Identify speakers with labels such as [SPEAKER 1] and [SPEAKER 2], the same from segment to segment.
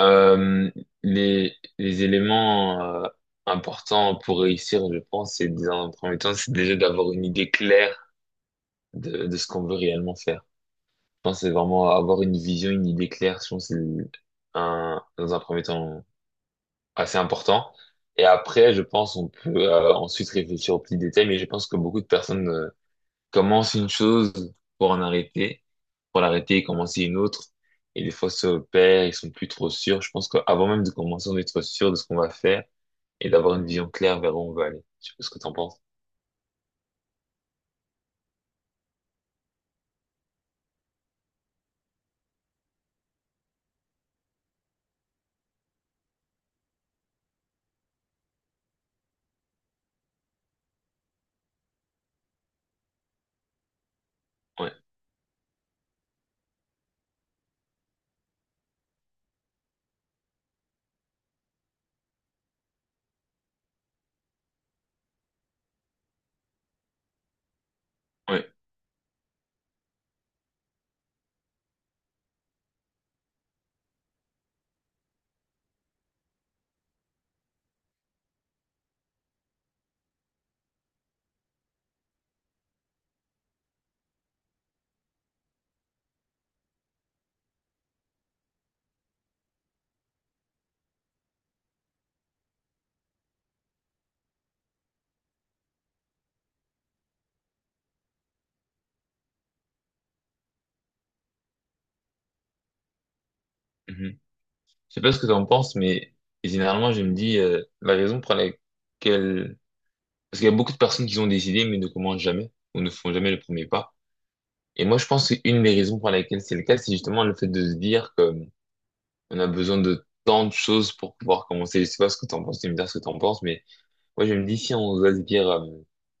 [SPEAKER 1] Euh, les éléments importants pour réussir, je pense, c'est dans un premier temps, c'est déjà d'avoir une idée claire de ce qu'on veut réellement faire. Je pense que c'est vraiment avoir une vision, une idée claire, je pense que c'est un, dans un premier temps assez important. Et après, je pense on peut ensuite réfléchir aux petits détails, mais je pense que beaucoup de personnes commencent une chose pour en arrêter pour l'arrêter et commencer une autre. Et des fois, ça opère, ils sont plus trop sûrs. Je pense qu'avant même de commencer, on est trop sûr de ce qu'on va faire et d'avoir une vision claire vers où on veut aller. Je sais pas ce que t'en penses. Ouais, ouais. Mhm. Je sais pas ce que t'en penses, mais généralement, je me dis, la raison pour laquelle... Parce qu'il y a beaucoup de personnes qui ont des idées, mais ne commencent jamais ou ne font jamais le premier pas. Et moi, je pense qu'une des raisons pour laquelle c'est le cas, c'est justement le fait de se dire que on a besoin de tant de choses pour pouvoir commencer. Je sais pas ce que t'en penses, tu me dire ce que t'en penses, mais moi, je me dis, si on doit se dire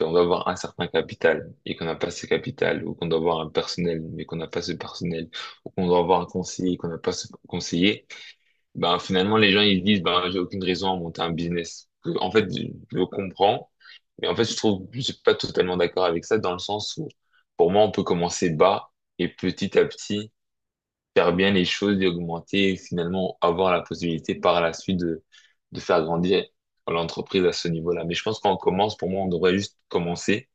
[SPEAKER 1] qu'on doit avoir un certain capital et qu'on n'a pas ce capital, ou qu'on doit avoir un personnel mais qu'on n'a pas ce personnel, ou qu'on doit avoir un conseiller et qu'on n'a pas ce conseiller, ben finalement, les gens, ils se disent, ben j'ai aucune raison à monter un business. En fait, je le comprends, mais en fait, je trouve, je suis pas totalement d'accord avec ça dans le sens où, pour moi, on peut commencer bas et petit à petit faire bien les choses, d'augmenter et finalement avoir la possibilité par la suite de faire grandir l'entreprise à ce niveau-là. Mais je pense qu'on commence, pour moi, on devrait juste commencer.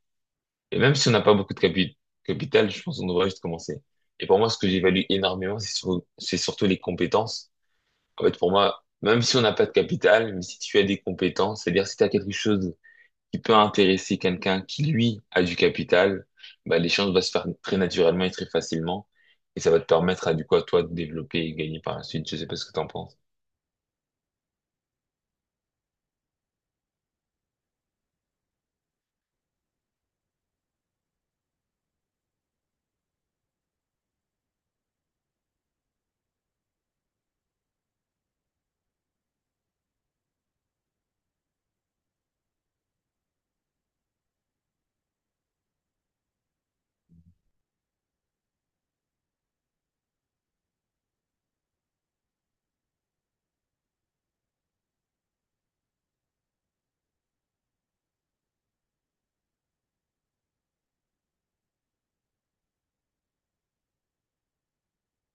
[SPEAKER 1] Et même si on n'a pas beaucoup de capital, je pense qu'on devrait juste commencer. Et pour moi, ce que j'évalue énormément, c'est surtout les compétences. En fait, pour moi, même si on n'a pas de capital, mais si tu as des compétences, c'est-à-dire si tu as quelque chose qui peut intéresser quelqu'un qui, lui, a du capital, bah, l'échange va se faire très naturellement et très facilement. Et ça va te permettre à, du coup, à toi de développer et gagner par la suite. Je sais pas ce que t'en penses.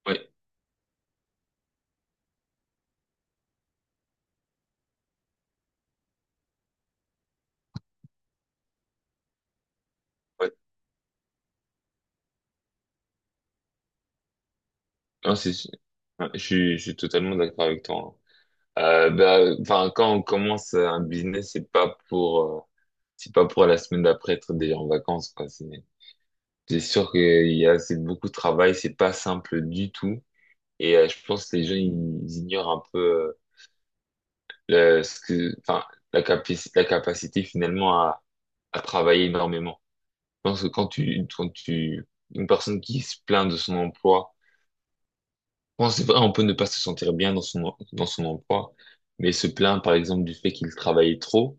[SPEAKER 1] Oui, ouais. Non, ouais, je suis totalement d'accord avec toi, hein. Bah, enfin, quand on commence un business, c'est pas pour la semaine d'après être déjà en vacances, quoi. C'est sûr qu'il y a, c'est beaucoup de travail, c'est pas simple du tout. Et je pense que les gens, ils ignorent un peu, enfin, la capacité finalement à travailler énormément. Je pense que une personne qui se plaint de son emploi, bon, c'est vrai, on peut ne pas se sentir bien dans dans son emploi, mais se plaint par exemple du fait qu'il travaille trop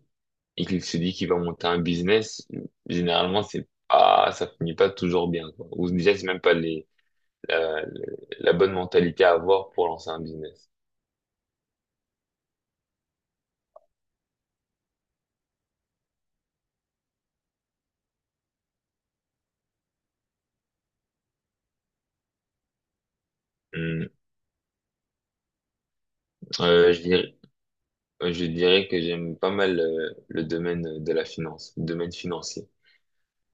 [SPEAKER 1] et qu'il se dit qu'il va monter un business, généralement, c'est pas, ça finit pas toujours bien, quoi. Ou déjà, c'est même pas les, la, la bonne mentalité à avoir pour lancer un business. Hum. Euh, je dirais- Je dirais que j'aime pas mal le domaine de la finance, le domaine financier.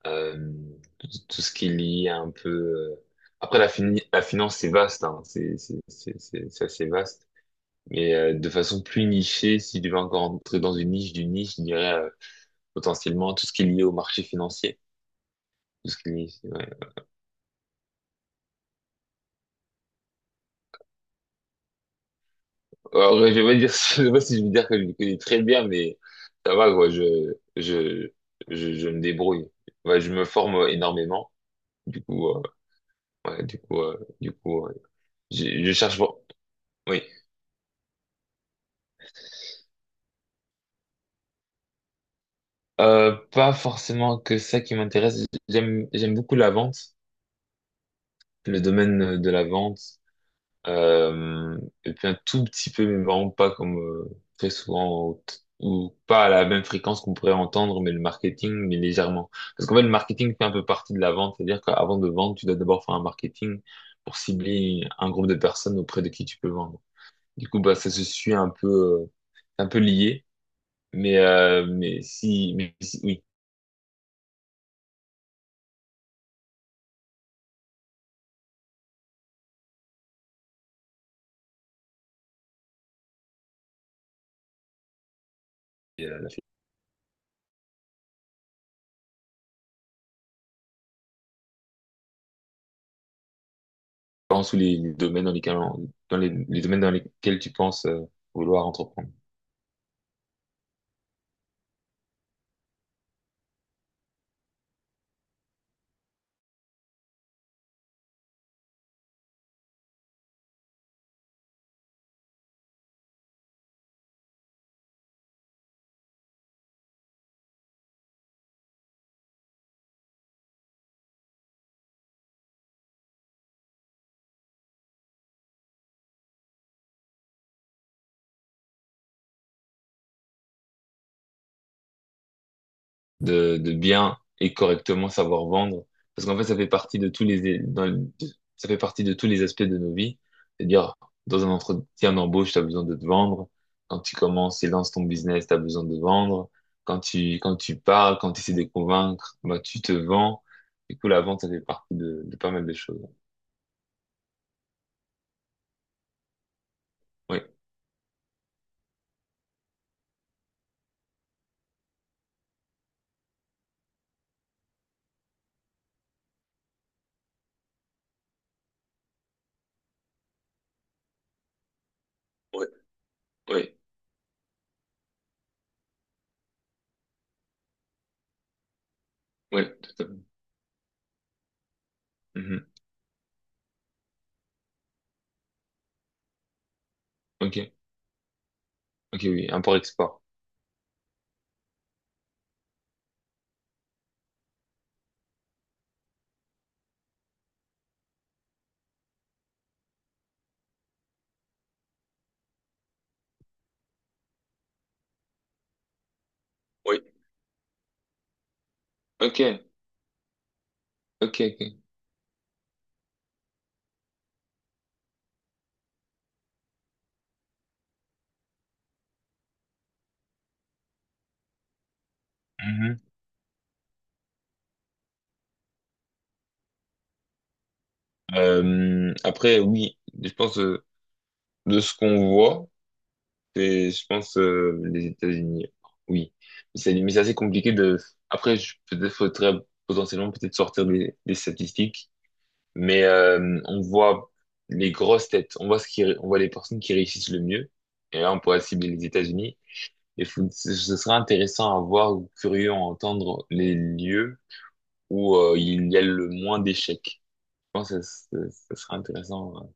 [SPEAKER 1] Euh, Tout ce qui est lié à un peu... Après, la finance, c'est vaste, hein. C'est assez vaste. Mais de façon plus nichée, si je devais encore entrer dans une niche d'une niche, je dirais potentiellement tout ce qui est lié au marché financier. Tout ce qui est lié, ouais. Alors, ouais, je vais pas dire, je sais pas si je vais dire que je le connais très bien, mais ça va, quoi. Je, je me débrouille. Ouais, je me forme énormément. Du coup, euh, Ouais, je cherche bon. Oui. Pas forcément que ça qui m'intéresse. J'aime beaucoup la vente, le domaine de la vente. Euh, et puis un tout petit peu, mais vraiment pas comme très souvent ou pas à la même fréquence qu'on pourrait entendre, mais le marketing, mais légèrement. Parce qu'en fait, le marketing fait un peu partie de la vente. C'est-à-dire qu'avant de vendre, tu dois d'abord faire un marketing pour cibler un groupe de personnes auprès de qui tu peux vendre. Du coup, bah, ça se suit un peu lié. Oui, la différence ou les domaines dans les domaines dans lesquels tu penses vouloir entreprendre, de bien et correctement savoir vendre, parce qu'en fait, ça fait partie de tous les, dans le- de- ça fait partie de tous les aspects de nos vies. C'est-à-dire, dans un entretien d'embauche, tu as besoin de te vendre. Quand tu commences et lances ton business, tu as besoin de vendre. Quand tu parles, quand tu essaies de convaincre, bah, tu te vends. Du coup, la vente, ça fait partie de pas mal de choses. Oui, oui, oui. Ouais, tout à fait. Mhm. Ok, ok, oui, import-export. Oui. Ok, ok. Mhm. Après, oui, je pense de ce qu'on voit, c'est, je pense, les États-Unis. Oui, mais c'est assez compliqué de. Après, peut-être faudrait potentiellement peut-être sortir des statistiques, mais on voit les grosses têtes, on voit les personnes qui réussissent le mieux, et là on pourrait cibler les États-Unis. Ce ce serait intéressant à voir ou curieux à entendre les lieux où il y a le moins d'échecs. Je pense que ça serait intéressant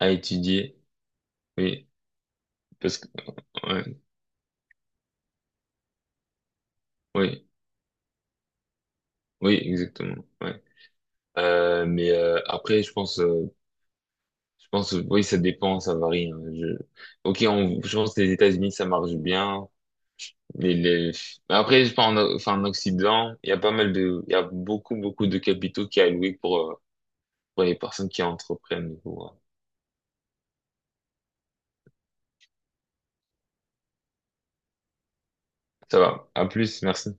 [SPEAKER 1] à étudier. Oui, parce que ouais, oui, Oui, exactement. Ouais. Après, je pense, oui, ça dépend, ça varie, hein. Je... Ok, on, je pense que les États-Unis, ça marche bien. Les... mais après, je pense, enfin, en Occident, il y a pas mal de, il y a beaucoup de capitaux qui est alloué pour les personnes qui entreprennent. Du coup, ouais. Ça va. À plus, merci.